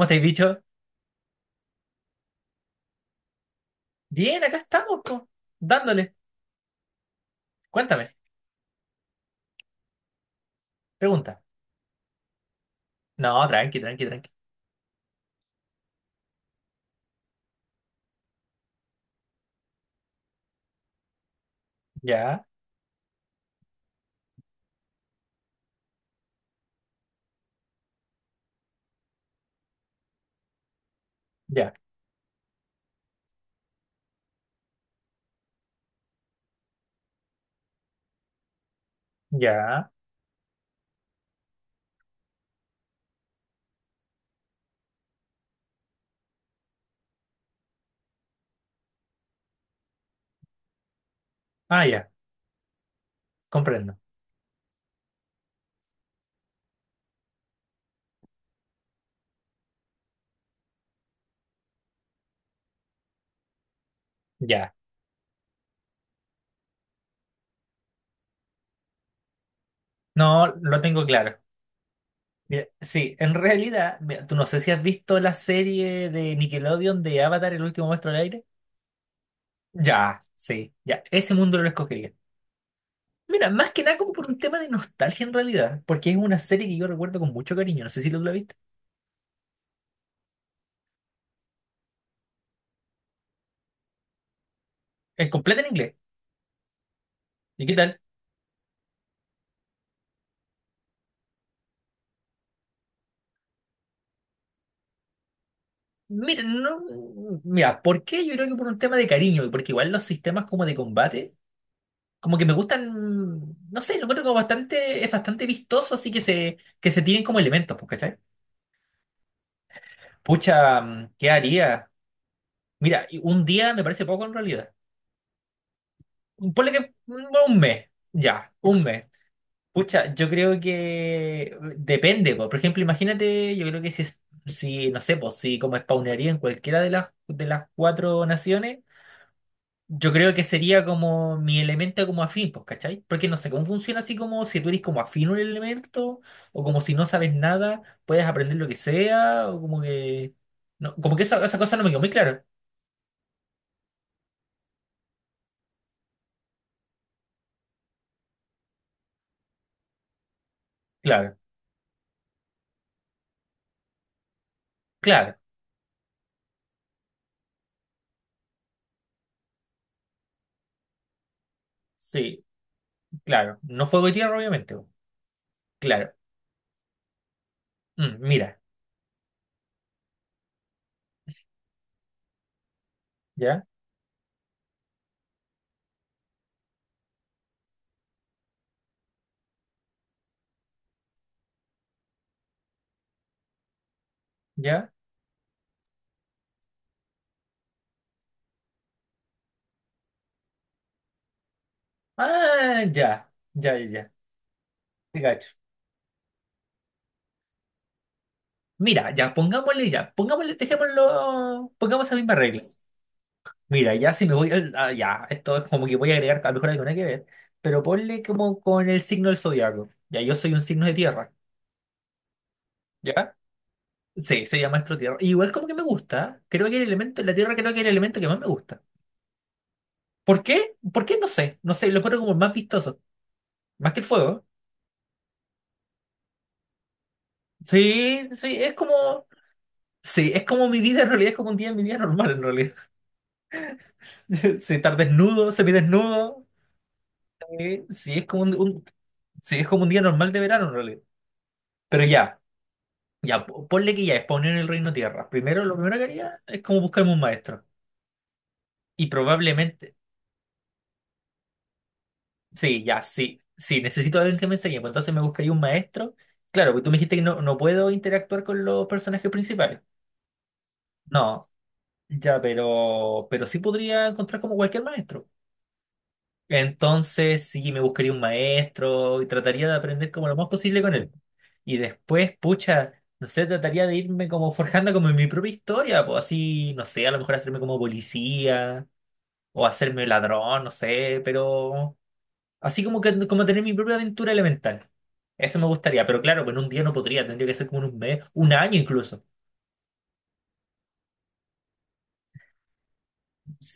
¿Cómo estáis dicho? Bien, acá estamos, po, dándole. Cuéntame, pregunta. No, tranqui, tranqui, tranqui. Ya, ya, ya. Ah, ya, comprendo. Ya. No, lo tengo claro. Mira, sí, en realidad, mira, tú no sé si has visto la serie de Nickelodeon de Avatar, el último maestro del aire. Ya, sí, ya. Ese mundo lo escogería. Mira, más que nada como por un tema de nostalgia en realidad, porque es una serie que yo recuerdo con mucho cariño. No sé si tú la viste. Es completa en inglés. ¿Y qué tal? Mira, no, mira, ¿por qué? Yo creo que por un tema de cariño, y porque igual los sistemas como de combate, como que me gustan, no sé, lo encuentro como bastante, es bastante vistoso, así que se tienen como elementos, pues, ¿cachai? Pucha, ¿qué haría? Mira, y un día me parece poco en realidad. Ponle que un mes, ya, un mes. Pucha, yo creo que depende, po. Por ejemplo, imagínate, yo creo que si, si no sé, pues, si como spawnearía en cualquiera de las, cuatro naciones. Yo creo que sería como mi elemento como afín, pues, ¿cachai? Porque no sé cómo funciona así como si tú eres como afín a un elemento, o como si no sabes nada, puedes aprender lo que sea, o como que. No, como que esa cosa no me quedó muy clara. Claro, claro, sí, claro. No fuego y tierra, obviamente. Po. Claro. Mira, ya, ya. Ah, ya, ya, ya, ya. Te cacho. Mira, ya, pongámosle, dejémoslo, pongamos esa misma regla. Mira, ya si me voy ah, ya, esto es como que voy a agregar, a lo mejor algo nada que ver, pero ponle como con el signo del zodiaco. Ya, yo soy un signo de tierra, ¿ya? Sí, se llama astro tierra. Igual como que me gusta, creo que el elemento, la tierra creo que es el elemento que más me gusta. ¿Por qué? ¿Por qué? No sé, no sé, lo encuentro como el más vistoso, más que el fuego. Sí, sí, es como mi vida en realidad, es como un día en mi vida normal en realidad. Sí, estar desnudo, semidesnudo, sí, es como un, sí, es como un día normal de verano en realidad. Pero ya. Ya, po- ponle que ya es poner el reino tierra. Primero, lo primero que haría es como buscarme un maestro. Y probablemente, sí, ya, sí, sí, necesito a alguien que me enseñe. Pues entonces me buscaría un maestro. Claro, porque tú me dijiste que no puedo interactuar con los personajes principales. No, ya, pero sí podría encontrar como cualquier maestro. Entonces, sí, me buscaría un maestro y trataría de aprender como lo más posible con él. Y después, pucha, no sé, trataría de irme como forjando como en mi propia historia, pues así, no sé, a lo mejor hacerme como policía o hacerme ladrón, no sé, pero así como que como tener mi propia aventura elemental. Eso me gustaría, pero claro, pues en un día no podría, tendría que ser como en un mes, un año incluso.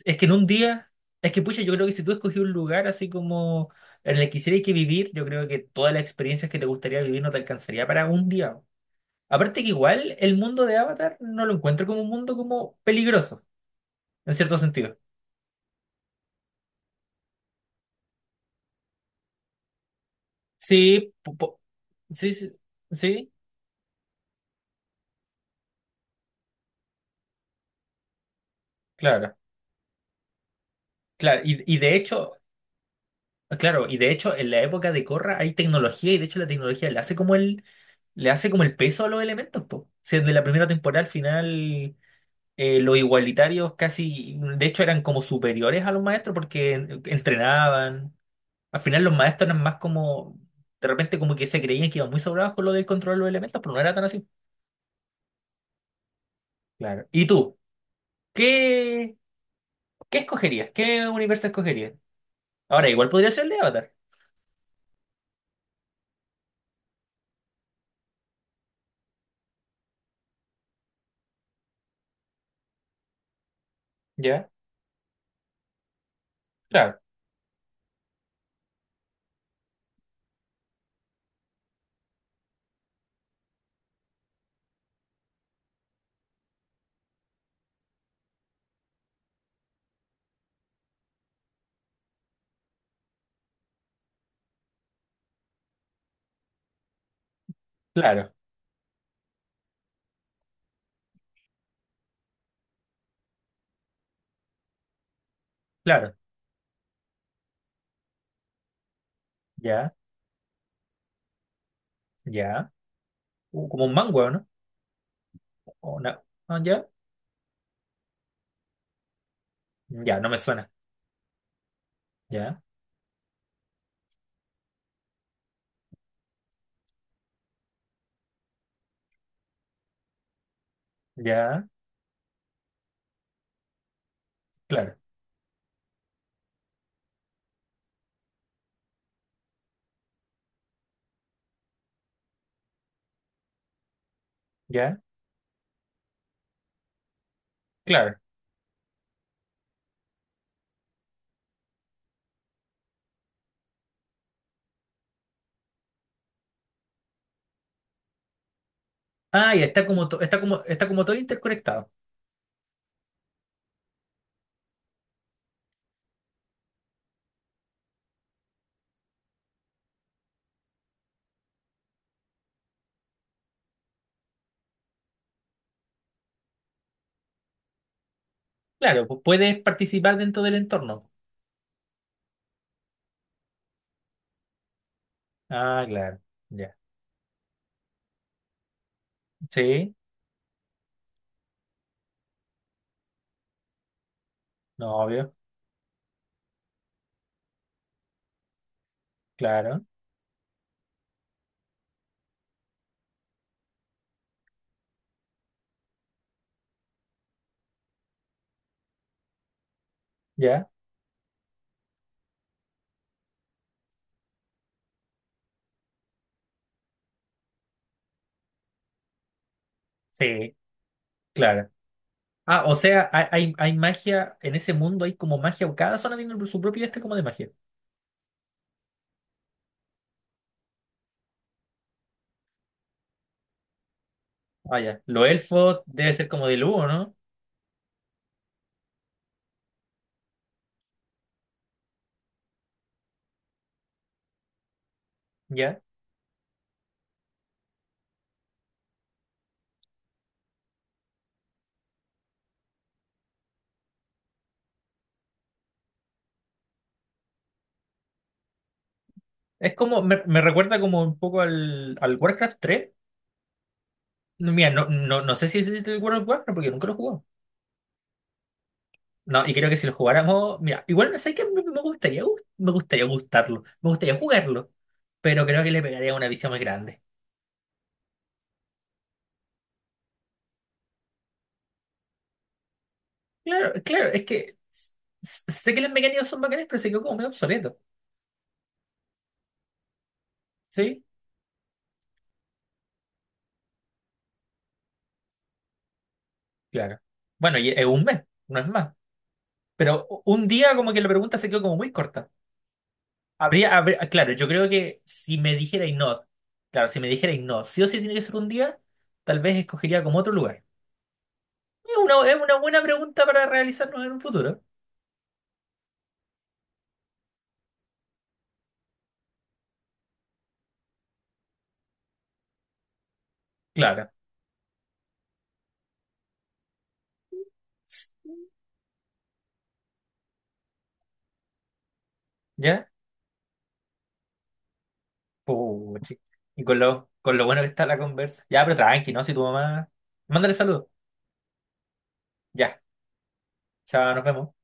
Es que en un día, es que pucha, yo creo que si tú escogí un lugar así como en el que quisieras que vivir, yo creo que todas las experiencias que te gustaría vivir no te alcanzaría para un día. Aparte que igual el mundo de Avatar no lo encuentro como un mundo como peligroso, en cierto sentido. Sí, sí, sí, sí, claro, claro. Y de hecho, ah, claro, y de hecho en la época de Corra hay tecnología y de hecho la tecnología le hace como el peso a los elementos, po. Si desde la primera temporada al final los igualitarios casi, de hecho eran como superiores a los maestros porque entrenaban. Al final los maestros eran más como, de repente como que se creían que iban muy sobrados con lo del control de los elementos, pero no era tan así. Claro. ¿Y tú? ¿Qué, qué escogerías? ¿Qué universo escogerías? Ahora, igual podría ser el de Avatar. Ya, claro, claro, claro, ya, ya. Como un mango, ¿no? O ah, ya, ya, no me suena. Ya, ya, claro, ya, claro. Ah, ya está como, está como, todo interconectado. Claro, pu- puedes participar dentro del entorno. Ah, claro, ya. Sí, no, obvio, claro, ya, sí, claro. Ah, o sea, hay, hay magia en ese mundo, hay como magia, cada zona tiene su propio este como de magia. Ah, ya. Los elfos debe ser como de lujo, ¿no? Ya. Es como, me recuerda como un poco al Warcraft 3. No, mira, no, no, no sé si es el World of Warcraft porque nunca lo jugó. No, y creo que si lo jugáramos, mira, igual no sé que me gustaría, me gustaría gustarlo, me gustaría jugarlo, pero creo que le pegaría una visión más grande. Claro, claro, es que sé que las mecánicas son bacanas, pero se quedó como medio obsoleto, ¿sí? Claro. Bueno, y es un mes, no es más. Pero u- un día como que la pregunta se quedó como muy corta. Habría, claro, yo creo que si me dijerais no, claro, si me dijerais no, sí o sí tiene que ser un día, tal vez escogería como otro lugar. Es una buena pregunta para realizarnos en un futuro. Claro. ¿Ya? Puchi. Y con lo, bueno que está la conversa. Ya, pero tranqui, ¿no? Si tu mamá. Mándale saludos. Ya. Chao, nos vemos.